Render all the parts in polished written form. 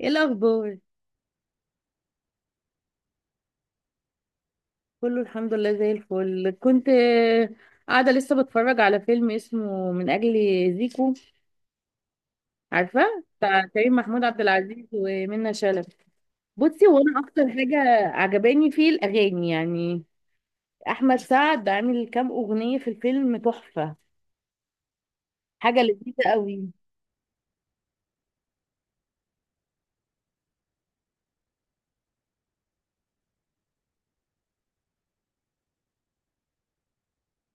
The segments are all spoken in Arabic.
ايه الاخبار؟ كله الحمد لله زي الفل. كنت قاعده لسه بتفرج على فيلم اسمه من اجل زيكو. عارفه؟ بتاع كريم محمود عبد العزيز ومنى شلبي. بصي، وانا اكتر حاجه عجباني فيه الاغاني يعني. احمد سعد عامل كام اغنيه في الفيلم تحفه، حاجه لذيذه قوي.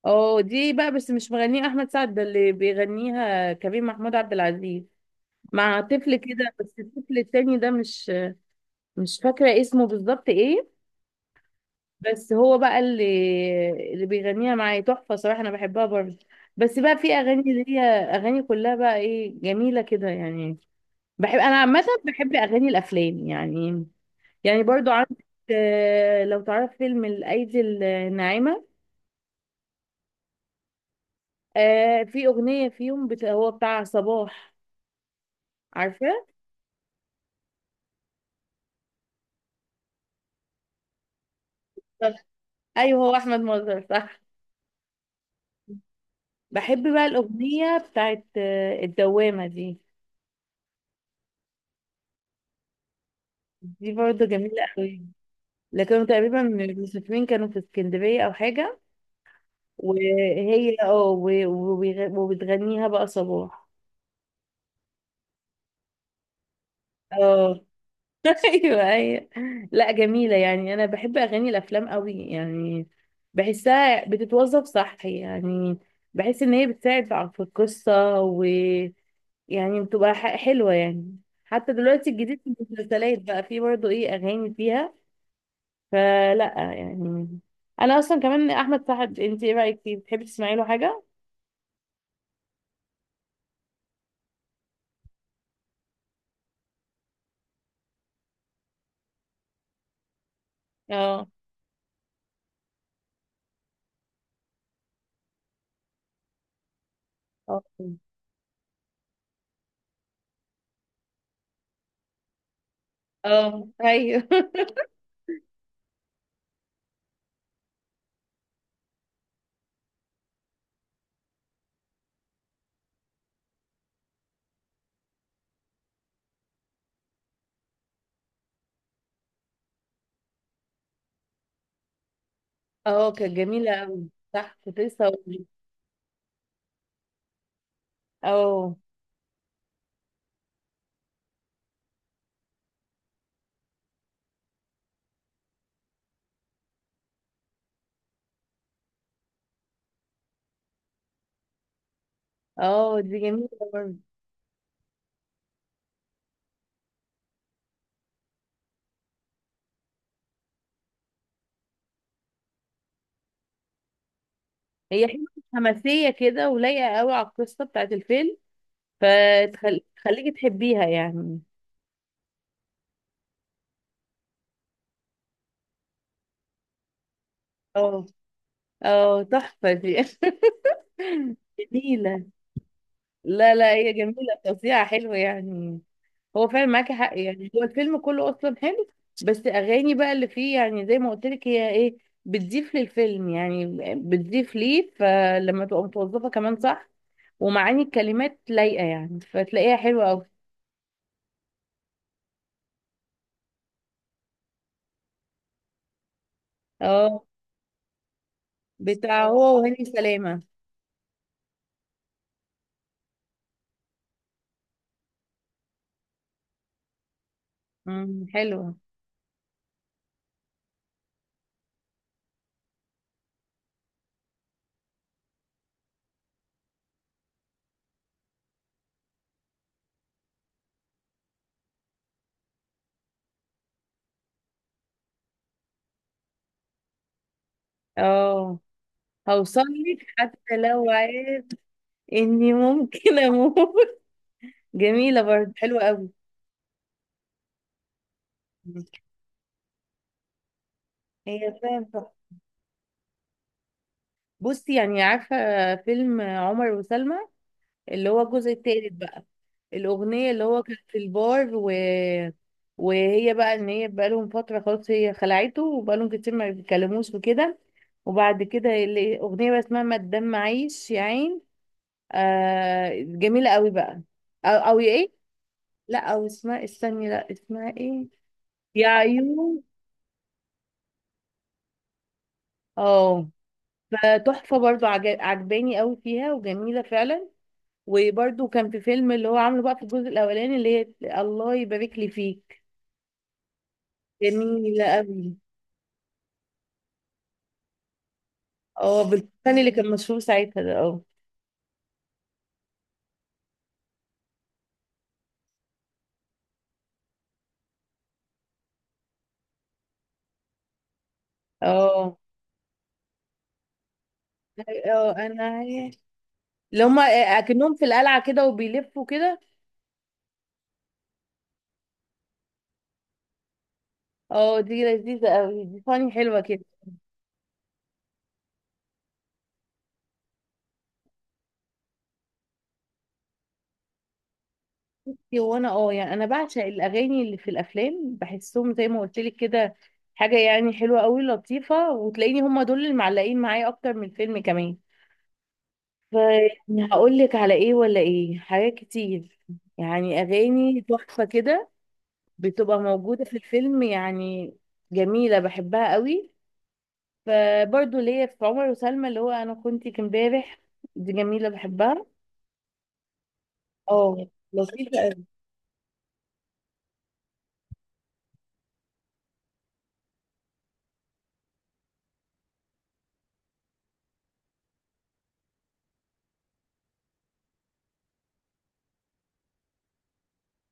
اه دي بقى بس مش مغنيه احمد سعد، ده اللي بيغنيها كريم محمود عبد العزيز مع طفل كده، بس الطفل التاني ده مش فاكره اسمه بالظبط ايه. بس هو بقى اللي بيغنيها معايا تحفة صراحة، أنا بحبها برضه. بس بقى في أغاني اللي هي أغاني كلها بقى إيه، جميلة كده يعني. بحب أنا عامة بحب أغاني الأفلام يعني. يعني برضو عندك، لو تعرف فيلم الأيدي الناعمة، في أغنية فيهم هو بتاع صباح، عارفة؟ صح. أيوه هو أحمد مظهر صح. بحب بقى الأغنية بتاعت الدوامة دي. دي برضو جميلة أوي. لكنهم تقريبا المسافرين كانوا في اسكندرية أو حاجة. وهي اه وبتغنيها بقى صباح. اه ايوه ايوه. لا جميلة يعني، أنا بحب أغاني الأفلام قوي يعني. بحسها بتتوظف صح يعني. بحس إن هي بتساعد في القصة ويعني بتبقى حلوة يعني. حتى دلوقتي الجديد في المسلسلات بقى فيه برضه إيه، أغاني فيها. فلا يعني. أنا أصلا كمان أحمد سعد، أنت إيه رأيك فيه؟ بتحبي تسمعي له حاجة؟ اه اه اه ايوه اه كانت جميلة أوي. صح كنت لسه هقول. اه اه دي جميلة برضه. هي حلوة حماسية كده ولايقة أوي على القصة بتاعت الفيلم، فتخليكي تحبيها يعني. اه اه تحفة دي. جميلة. لا لا هي جميلة، توزيعها حلو يعني. هو فعلا معاكي حق، يعني هو الفيلم كله أصلا حلو، بس أغاني بقى اللي فيه يعني زي ما قلت لك هي إيه، بتضيف للفيلم يعني، بتضيف ليه. فلما تبقى متوظفة كمان صح، ومعاني الكلمات لايقة يعني، فتلاقيها حلوة أوي. اه بتاع هو وهاني سلامة. حلوة. اه هوصل لك حتى لو عارف إني ممكن أموت. جميلة برضه، حلوة أوي. هي فعلا. بصي يعني عارفة، فيلم عمر وسلمى اللي هو الجزء التالت بقى، الأغنية اللي هو كان في البار وهي بقى إن هي بقالهم فترة خلاص، هي خلعته وبقالهم كتير ما بيتكلموش وكده. وبعد كده أغنية بقى اسمها ما الدم عايش يا عين، آه جميلة قوي بقى. أو، أو إيه؟ لا أو اسمها استني، لا اسمها إيه؟ يا عيون. اه فتحفة برضو عجباني قوي فيها وجميلة فعلا. وبرده كان في فيلم اللي هو عامله بقى في الجزء الاولاني اللي هي الله يبارك لي فيك، جميله قوي. اه بالفن اللي كان مشهور ساعتها ده اه. اه اه انا، اللي هما اكنهم في القلعه كده وبيلفوا كده. اه دي لذيذه قوي، دي فاني حلوه كده. هو انا اه يعني انا بعشق الاغاني اللي في الافلام، بحسهم زي ما قلت لك كده حاجه يعني حلوه قوي لطيفه، وتلاقيني هما دول اللي معلقين معايا اكتر من الفيلم كمان. فيعني هقول لك على ايه ولا ايه، حاجات كتير يعني. اغاني تحفه كده بتبقى موجوده في الفيلم يعني، جميله بحبها قوي. فبرضه ليا في عمر وسلمى اللي هو انا كنتك امبارح، دي جميله بحبها. اه لطيفة قوي.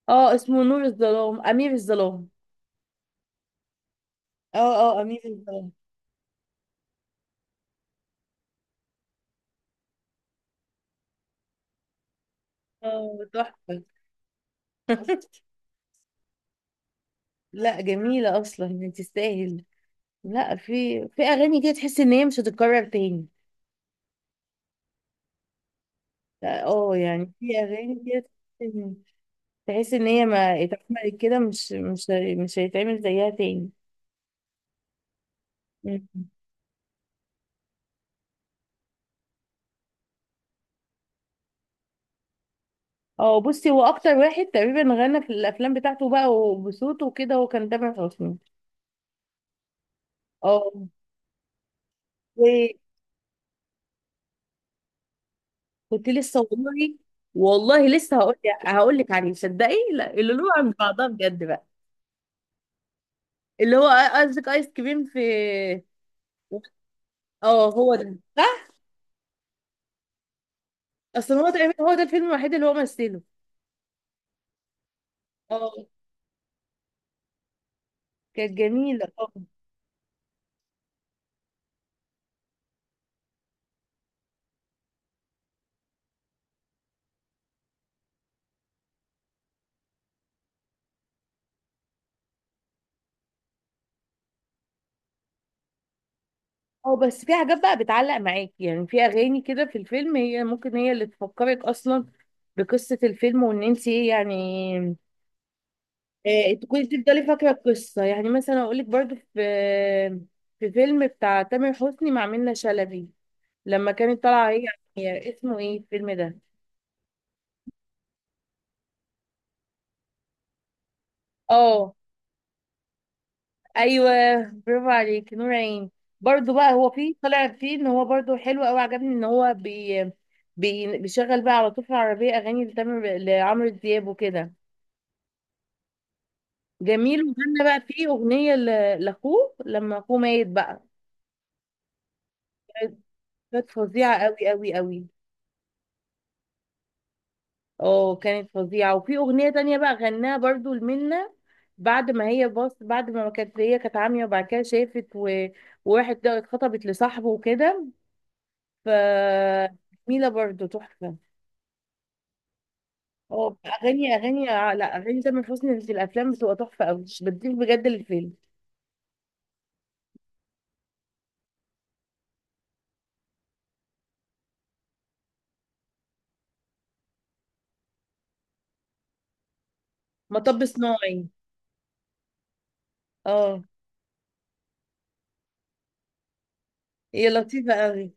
اه اسمه نور الظلام، امير الظلام. اه اه أمير الظلام. اه تحفه. لا جميله اصلا يعني تستاهل. لا في في اغاني كده تحس ان هي مش هتتكرر تاني. لا، اه يعني في اغاني كده تحس ان، تحس إن هي ما اتعملت كده، مش مش هيتعمل زيها تاني. مم. اه بصي هو اكتر واحد تقريبا غنى في الافلام بتاعته بقى وبصوته وكده هو كان تامر حسني. اه وكنت لسه والله، والله لسه هقول. هقول لك عليه صدقي، لا اللي له عند بعضها بجد بقى اللي هو، قصدك ايس كريم في؟ اه هو ده صح. اصل هو تقريبا هو ده الفيلم الوحيد اللي هو مثله. اه كانت جميله اه. اه بس في حاجات بقى بتعلق معاكي يعني، في اغاني كده في الفيلم هي ممكن هي اللي تفكرك اصلا بقصة الفيلم وان انت ايه يعني، تكوني تفضلي فاكرة القصة يعني. مثلا اقولك برضو في، في فيلم بتاع تامر حسني مع منة شلبي لما كانت طالعة هي، هي اسمه ايه الفيلم ده؟ اه ايوه، برافو عليك، نور عيني. برضو بقى هو فيه طلع فيه ان هو برضو حلو قوي، عجبني ان هو بي بيشغل بقى على طول في العربيه اغاني لتامر لعمرو دياب وكده، جميل. وغنى بقى فيه اغنيه لاخوه لما اخوه ميت بقى. كانت، كانت فظيعه قوي قوي قوي. اه كانت فظيعه. وفي اغنيه تانية بقى غناها برضو لمنى بعد ما هي بص، بعد ما كانت هي كانت عاميه وبعد كده شافت وراحت اتخطبت لصاحبه وكده، ف جميلة برضه تحفة. اه اغاني لا اغاني تامر حسني في الافلام بتبقى تحفة قوي، بتضيف بجد للفيلم. مطب صناعي. اه هي لطيفة قوي.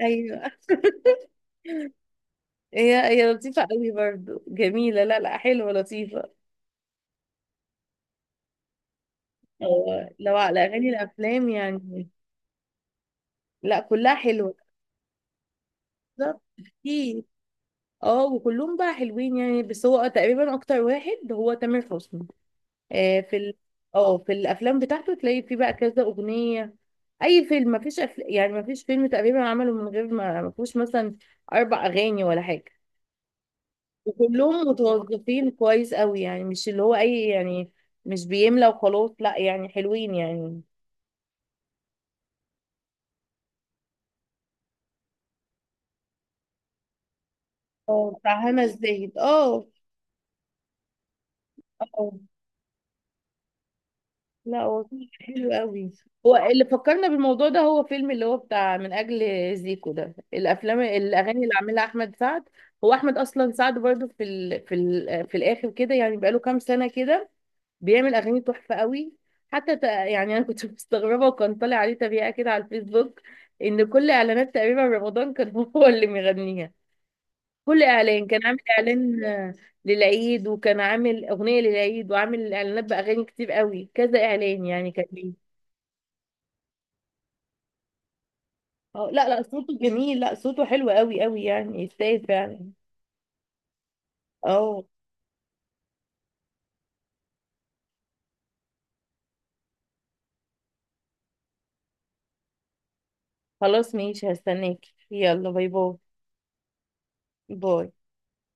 ايوه هي هي لطيفة قوي برضه، جميلة لا لا حلوة لطيفة. اه لو على اغاني الافلام يعني، لا كلها حلوة. بالظبط اكيد. اه وكلهم بقى حلوين يعني، بس هو تقريبا اكتر واحد هو تامر حسني. في اه في الافلام بتاعته تلاقي فيه بقى كذا اغنيه. اي فيلم مفيش يعني مفيش فيلم تقريبا عمله من غير ما فيهوش مثلا اربع اغاني ولا حاجه، وكلهم متوظفين كويس قوي يعني، مش اللي هو اي يعني مش بيملى وخلاص، لا يعني حلوين يعني. اه بتاع هنا الزاهد اه. اه لا هو فيلم حلو قوي. هو اللي فكرنا بالموضوع ده هو فيلم اللي هو بتاع من اجل زيكو ده، الافلام الاغاني اللي عاملها احمد سعد. هو احمد اصلا سعد برضو في في في الاخر كده يعني بقاله كام سنه كده بيعمل اغاني تحفه قوي. حتى يعني انا كنت مستغربه وكان طالع عليه تبيعه كده على الفيسبوك ان كل اعلانات تقريبا رمضان كان هو اللي مغنيها. كل اعلان كان عامل اعلان للعيد، وكان عامل اغنيه للعيد وعامل اعلانات باغاني كتير قوي، كذا اعلان يعني كان ليه. اه لا لا صوته جميل، لا صوته حلو قوي قوي يعني، يستاهل فعلا. اه خلاص ماشي، هستناك، يلا باي باي. باي.